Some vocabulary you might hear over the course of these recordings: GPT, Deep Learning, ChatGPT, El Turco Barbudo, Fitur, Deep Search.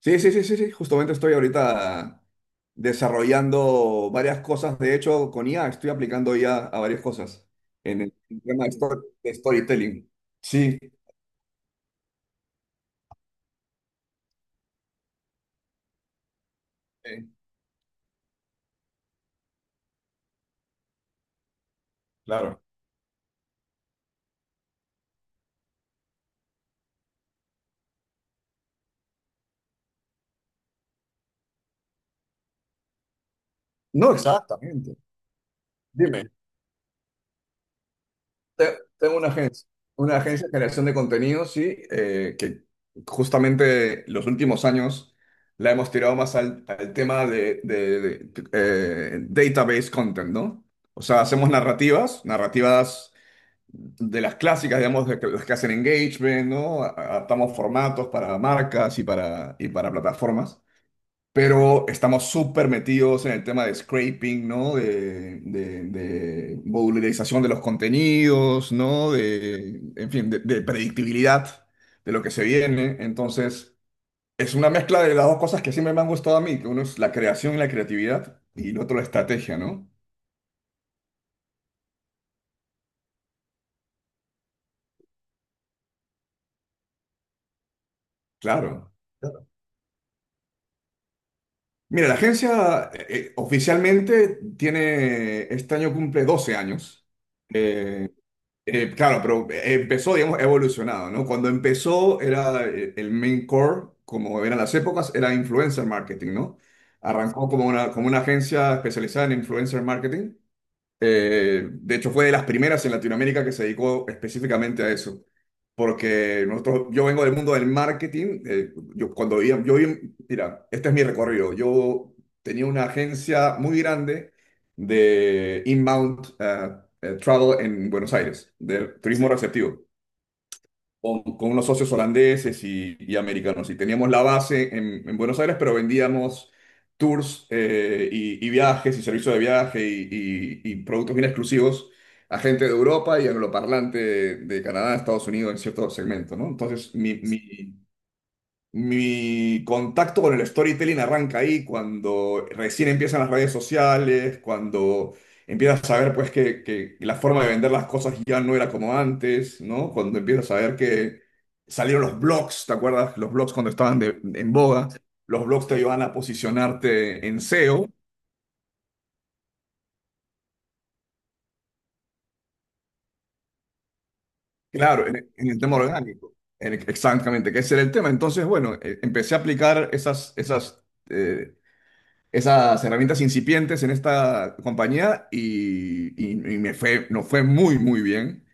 Sí, sí, sí, sí, sí. Justamente estoy ahorita desarrollando varias cosas. De hecho, con IA estoy aplicando IA a varias cosas en el tema de, de storytelling. Sí. Sí. Claro. No, exactamente. Dime. Tengo una agencia de generación de contenidos, sí, que justamente los últimos años la hemos tirado más al tema de database content, ¿no? O sea, hacemos narrativas, narrativas de las clásicas, digamos, de que, las que hacen engagement, ¿no? Adaptamos formatos para marcas y para plataformas, pero estamos súper metidos en el tema de scraping, ¿no? De modularización de los contenidos, ¿no? De, en fin, de predictibilidad de lo que se viene. Entonces, es una mezcla de las dos cosas que siempre me han gustado a mí, que uno es la creación y la creatividad, y el otro la estrategia, ¿no? Claro. Mira, la agencia oficialmente tiene, este año cumple 12 años. Eh, claro, pero empezó, digamos, ha evolucionado, ¿no? Cuando empezó era el main core, como eran las épocas, era influencer marketing, ¿no? Arrancó como una agencia especializada en influencer marketing. De hecho, fue de las primeras en Latinoamérica que se dedicó específicamente a eso porque nosotros, yo vengo del mundo del marketing. Yo cuando vivía, mira, este es mi recorrido. Yo tenía una agencia muy grande de inbound travel en Buenos Aires, de turismo. Sí. Receptivo con unos socios holandeses y americanos. Y teníamos la base en Buenos Aires, pero vendíamos tours y viajes y servicios de viaje y productos bien exclusivos a gente de Europa y angloparlante de Canadá, Estados Unidos en ciertos segmentos, ¿no? Entonces, mi contacto con el storytelling arranca ahí cuando recién empiezan las redes sociales, cuando empiezas a ver pues que la forma de vender las cosas ya no era como antes, ¿no? Cuando empiezas a ver que salieron los blogs, ¿te acuerdas? Los blogs cuando estaban en boga, los blogs te ayudaban a posicionarte en SEO, claro, en el tema orgánico. Exactamente, que ese era el tema. Entonces, bueno, empecé a aplicar esas, eh, esas herramientas incipientes en esta compañía y, y me fue, nos fue muy, muy bien.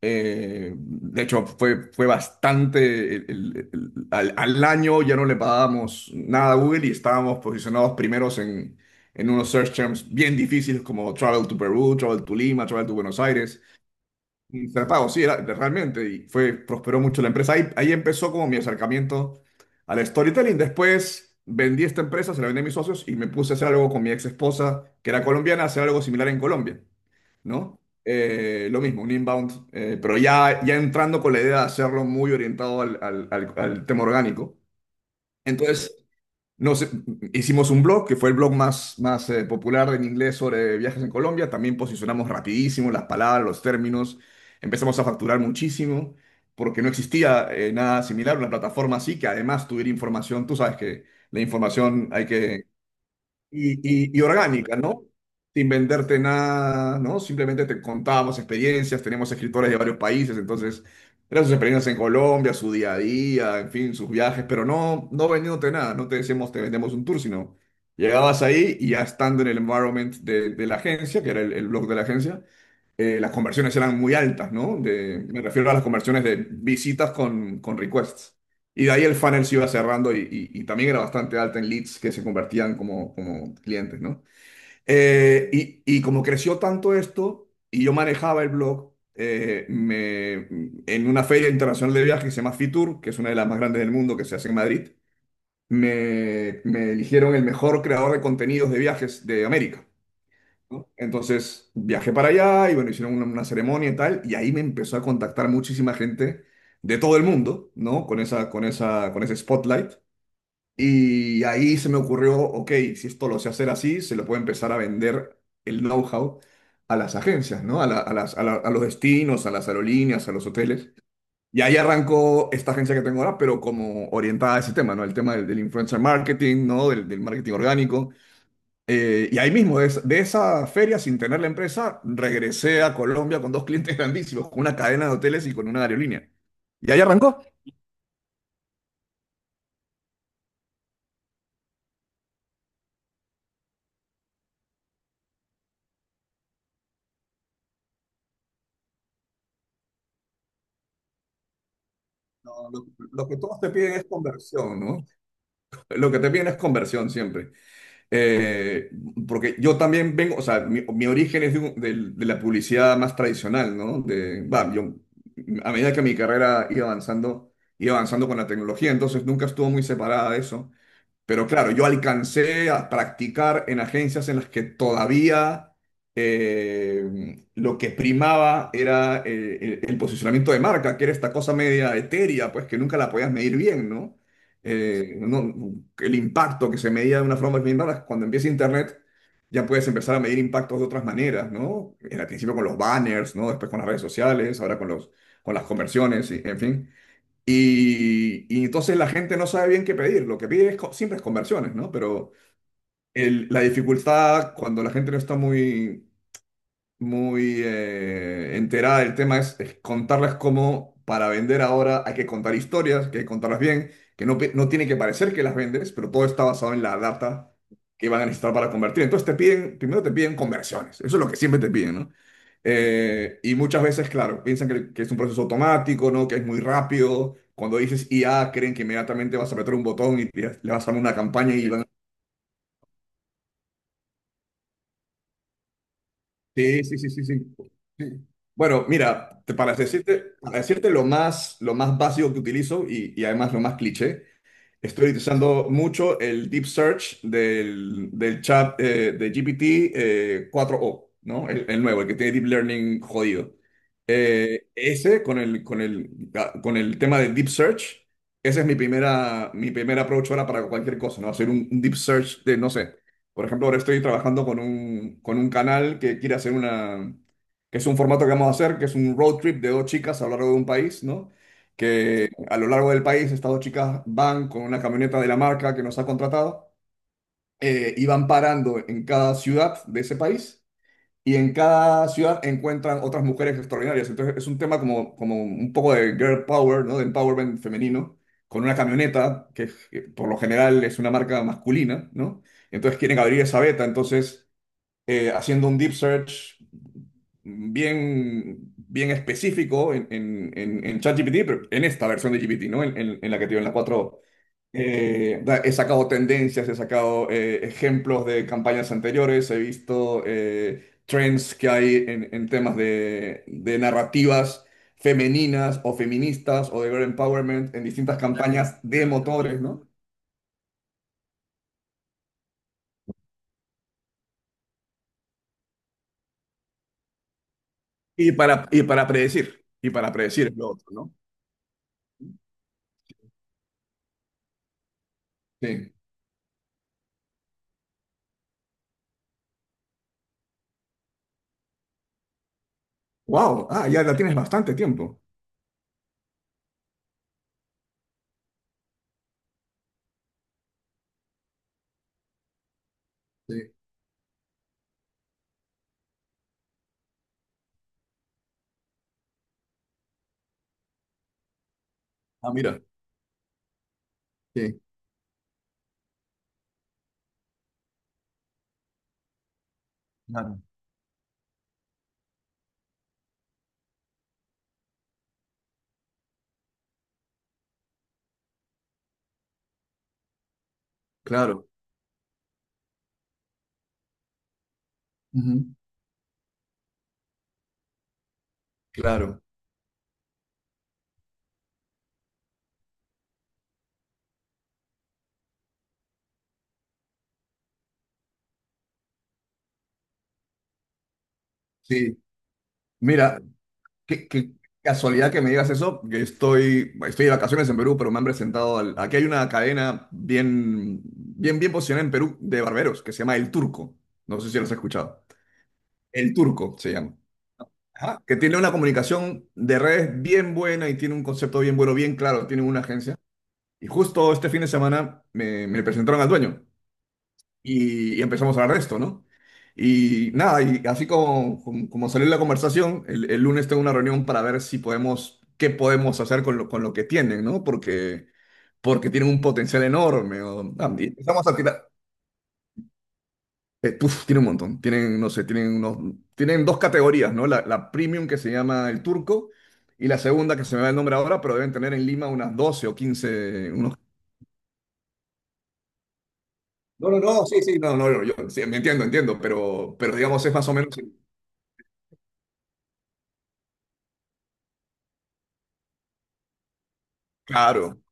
De hecho, fue, fue bastante, al año ya no le pagábamos nada a Google y estábamos posicionados primeros en unos search terms bien difíciles como travel to Perú, travel to Lima, travel to Buenos Aires. Un Prepago, sí, era, realmente, y fue, prosperó mucho la empresa. Ahí empezó como mi acercamiento al storytelling. Después vendí esta empresa, se la vendí a mis socios y me puse a hacer algo con mi ex esposa, que era colombiana, hacer algo similar en Colombia, ¿no? Lo mismo, un inbound, pero ya, ya entrando con la idea de hacerlo muy orientado al tema orgánico. Entonces, nos, eh, hicimos un blog, que fue el blog más, popular en inglés sobre viajes en Colombia. También posicionamos rapidísimo las palabras, los términos. Empezamos a facturar muchísimo porque no existía nada similar, una plataforma así que además tuviera información. Tú sabes que la información hay que y, y orgánica, ¿no? Sin venderte nada, ¿no? Simplemente te contábamos experiencias, tenemos escritores de varios países, entonces eran sus experiencias en Colombia, su día a día, en fin, sus viajes, pero no, no vendiéndote nada, no te decíamos te vendemos un tour, sino llegabas ahí y ya estando en el environment de la agencia, que era el blog de la agencia, las conversiones eran muy altas, ¿no? De, me refiero a las conversiones de visitas con requests. Y de ahí el funnel se iba cerrando y, y también era bastante alta en leads que se convertían como, como clientes, ¿no? Eh, y como creció tanto esto y yo manejaba el blog me, en una feria internacional de viajes que se llama Fitur, que es una de las más grandes del mundo que se hace en Madrid, me eligieron el mejor creador de contenidos de viajes de América. ¿No? Entonces viajé para allá y bueno, hicieron una ceremonia y tal, y ahí me empezó a contactar muchísima gente de todo el mundo, ¿no? Con ese spotlight. Y ahí se me ocurrió, ok, si esto lo sé hacer así, se lo puedo empezar a vender el know-how a las agencias, ¿no? A los destinos, a las aerolíneas, a los hoteles. Y ahí arrancó esta agencia que tengo ahora, pero como orientada a ese tema, ¿no? El tema del, del influencer marketing, ¿no? Del, del marketing orgánico. Y ahí mismo, esa de esa feria, sin tener la empresa, regresé a Colombia con dos clientes grandísimos, con una cadena de hoteles y con una aerolínea. Y ahí arrancó. No, lo que todos te piden es conversión, ¿no? Lo que te piden es conversión siempre. Eh, porque yo también vengo, o sea, mi origen es de, de la publicidad más tradicional, ¿no? De, va, yo, a medida que mi carrera iba avanzando con la tecnología, entonces nunca estuvo muy separada de eso. Pero claro, yo alcancé a practicar en agencias en las que todavía lo que primaba era el posicionamiento de marca, que era esta cosa media etérea, pues que nunca la podías medir bien, ¿no? Eh, no- el impacto que se medía de una forma bien rara, cuando empieza Internet ya puedes empezar a medir impactos de otras maneras, ¿no? En al principio con los banners, ¿no? Después con las redes sociales, ahora con los, con las conversiones, y, en fin. Y entonces la gente no sabe bien qué pedir. Lo que pide es siempre es conversiones, ¿no? Pero la dificultad cuando la gente no está muy, muy enterada del tema es contarlas como para vender ahora hay que contar historias, que hay que contarlas bien, que no, no tiene que parecer que las vendes, pero todo está basado en la data que van a necesitar para convertir. Entonces te piden, primero te piden conversiones, eso es lo que siempre te piden, ¿no? Y muchas veces, claro, piensan que es un proceso automático, ¿no? Que es muy rápido. Cuando dices IA, creen que inmediatamente vas a apretar un botón y le vas a dar una campaña y van. Sí, sí, sí, sí, sí. Sí. Bueno, mira, para decirte lo más básico que utilizo y además lo más cliché, estoy utilizando mucho el Deep Search del, del chat de GPT 4o, ¿no? El nuevo, el que tiene Deep Learning jodido. Ese con el, con el tema de Deep Search, ese es mi primera approach ahora para cualquier cosa, ¿no? Hacer un Deep Search de, no sé, por ejemplo, ahora estoy trabajando con un canal que quiere hacer una, que es un formato que vamos a hacer, que es un road trip de dos chicas a lo largo de un país, ¿no? Que a lo largo del país estas dos chicas van con una camioneta de la marca que nos ha contratado y van parando en cada ciudad de ese país y en cada ciudad encuentran otras mujeres extraordinarias. Entonces es un tema como, como un poco de girl power, ¿no? De empowerment femenino, con una camioneta que por lo general es una marca masculina, ¿no? Entonces quieren abrir esa beta, entonces haciendo un deep search bien, bien específico en ChatGPT, pero en esta versión de GPT, ¿no? En la que te digo, en la 4. He sacado tendencias, he sacado ejemplos de campañas anteriores, he visto trends que hay en temas de narrativas femeninas o feministas o de girl empowerment en distintas campañas de motores, ¿no? Y para predecir, y para predecir lo otro, ¿no? Sí. Wow, ah, ya la tienes bastante tiempo. Sí. Ah, mira, sí. Claro. Claro, ujú, claro, sí. Mira, qué, qué casualidad que me digas eso, que estoy, estoy de vacaciones en Perú, pero me han presentado aquí hay una cadena bien, bien, bien posicionada en Perú de barberos que se llama El Turco. No sé si los has escuchado. El Turco se llama. Ajá. Que tiene una comunicación de redes bien buena y tiene un concepto bien bueno, bien claro, tiene una agencia. Y justo este fin de semana me presentaron al dueño. Y, y empezamos a hablar de esto, ¿no? Y nada, y así como salió la conversación, el lunes tengo una reunión para ver si podemos, qué podemos hacer con lo que tienen, ¿no? Porque tienen un potencial enorme. Y empezamos a tirar. Puf, tienen un montón. Tienen, no sé, tienen unos, tienen dos categorías, ¿no? La premium que se llama el turco y la segunda que se me va el nombre ahora, pero deben tener en Lima unas 12 o 15 unos. No, no, no, sí, sí, no, no, yo, sí, me entiendo, entiendo, pero digamos es más o menos claro.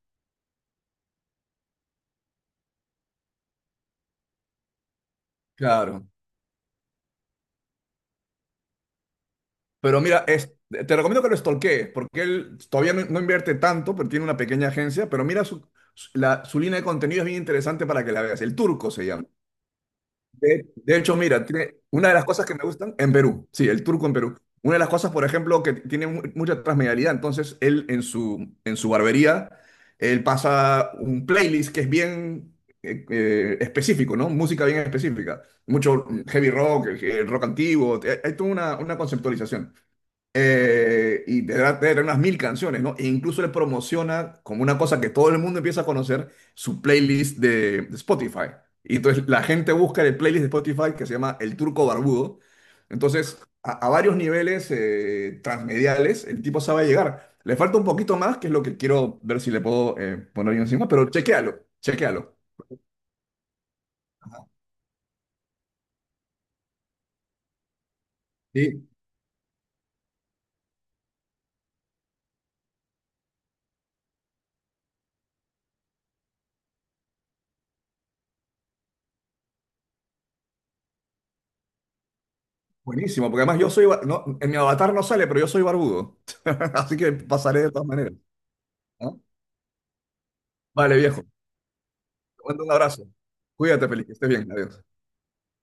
Claro. Pero mira, es, te recomiendo que lo stalkees, porque él todavía no, no invierte tanto, pero tiene una pequeña agencia, pero mira su, su línea de contenido es bien interesante para que la veas. El Turco se llama. De hecho, mira, tiene, una de las cosas que me gustan en Perú, sí, el Turco en Perú. Una de las cosas, por ejemplo, que tiene mucha transmedialidad, entonces él en su barbería, él pasa un playlist que es bien específico, ¿no? Música bien específica. Mucho heavy rock, rock antiguo, hay toda una conceptualización. Y tendrá tener unas 1000 canciones, ¿no? E incluso le promociona como una cosa que todo el mundo empieza a conocer, su playlist de Spotify. Y entonces la gente busca en el playlist de Spotify que se llama El Turco Barbudo. Entonces, a varios niveles transmediales, el tipo sabe llegar. Le falta un poquito más, que es lo que quiero ver si le puedo poner yo encima, pero chequéalo, chequéalo. Sí, buenísimo, porque además yo soy, no, en mi avatar no sale, pero yo soy barbudo. Así que pasaré de todas maneras. ¿No? Vale, viejo. Te mando un abrazo. Cuídate, Felipe, que estés bien. Adiós.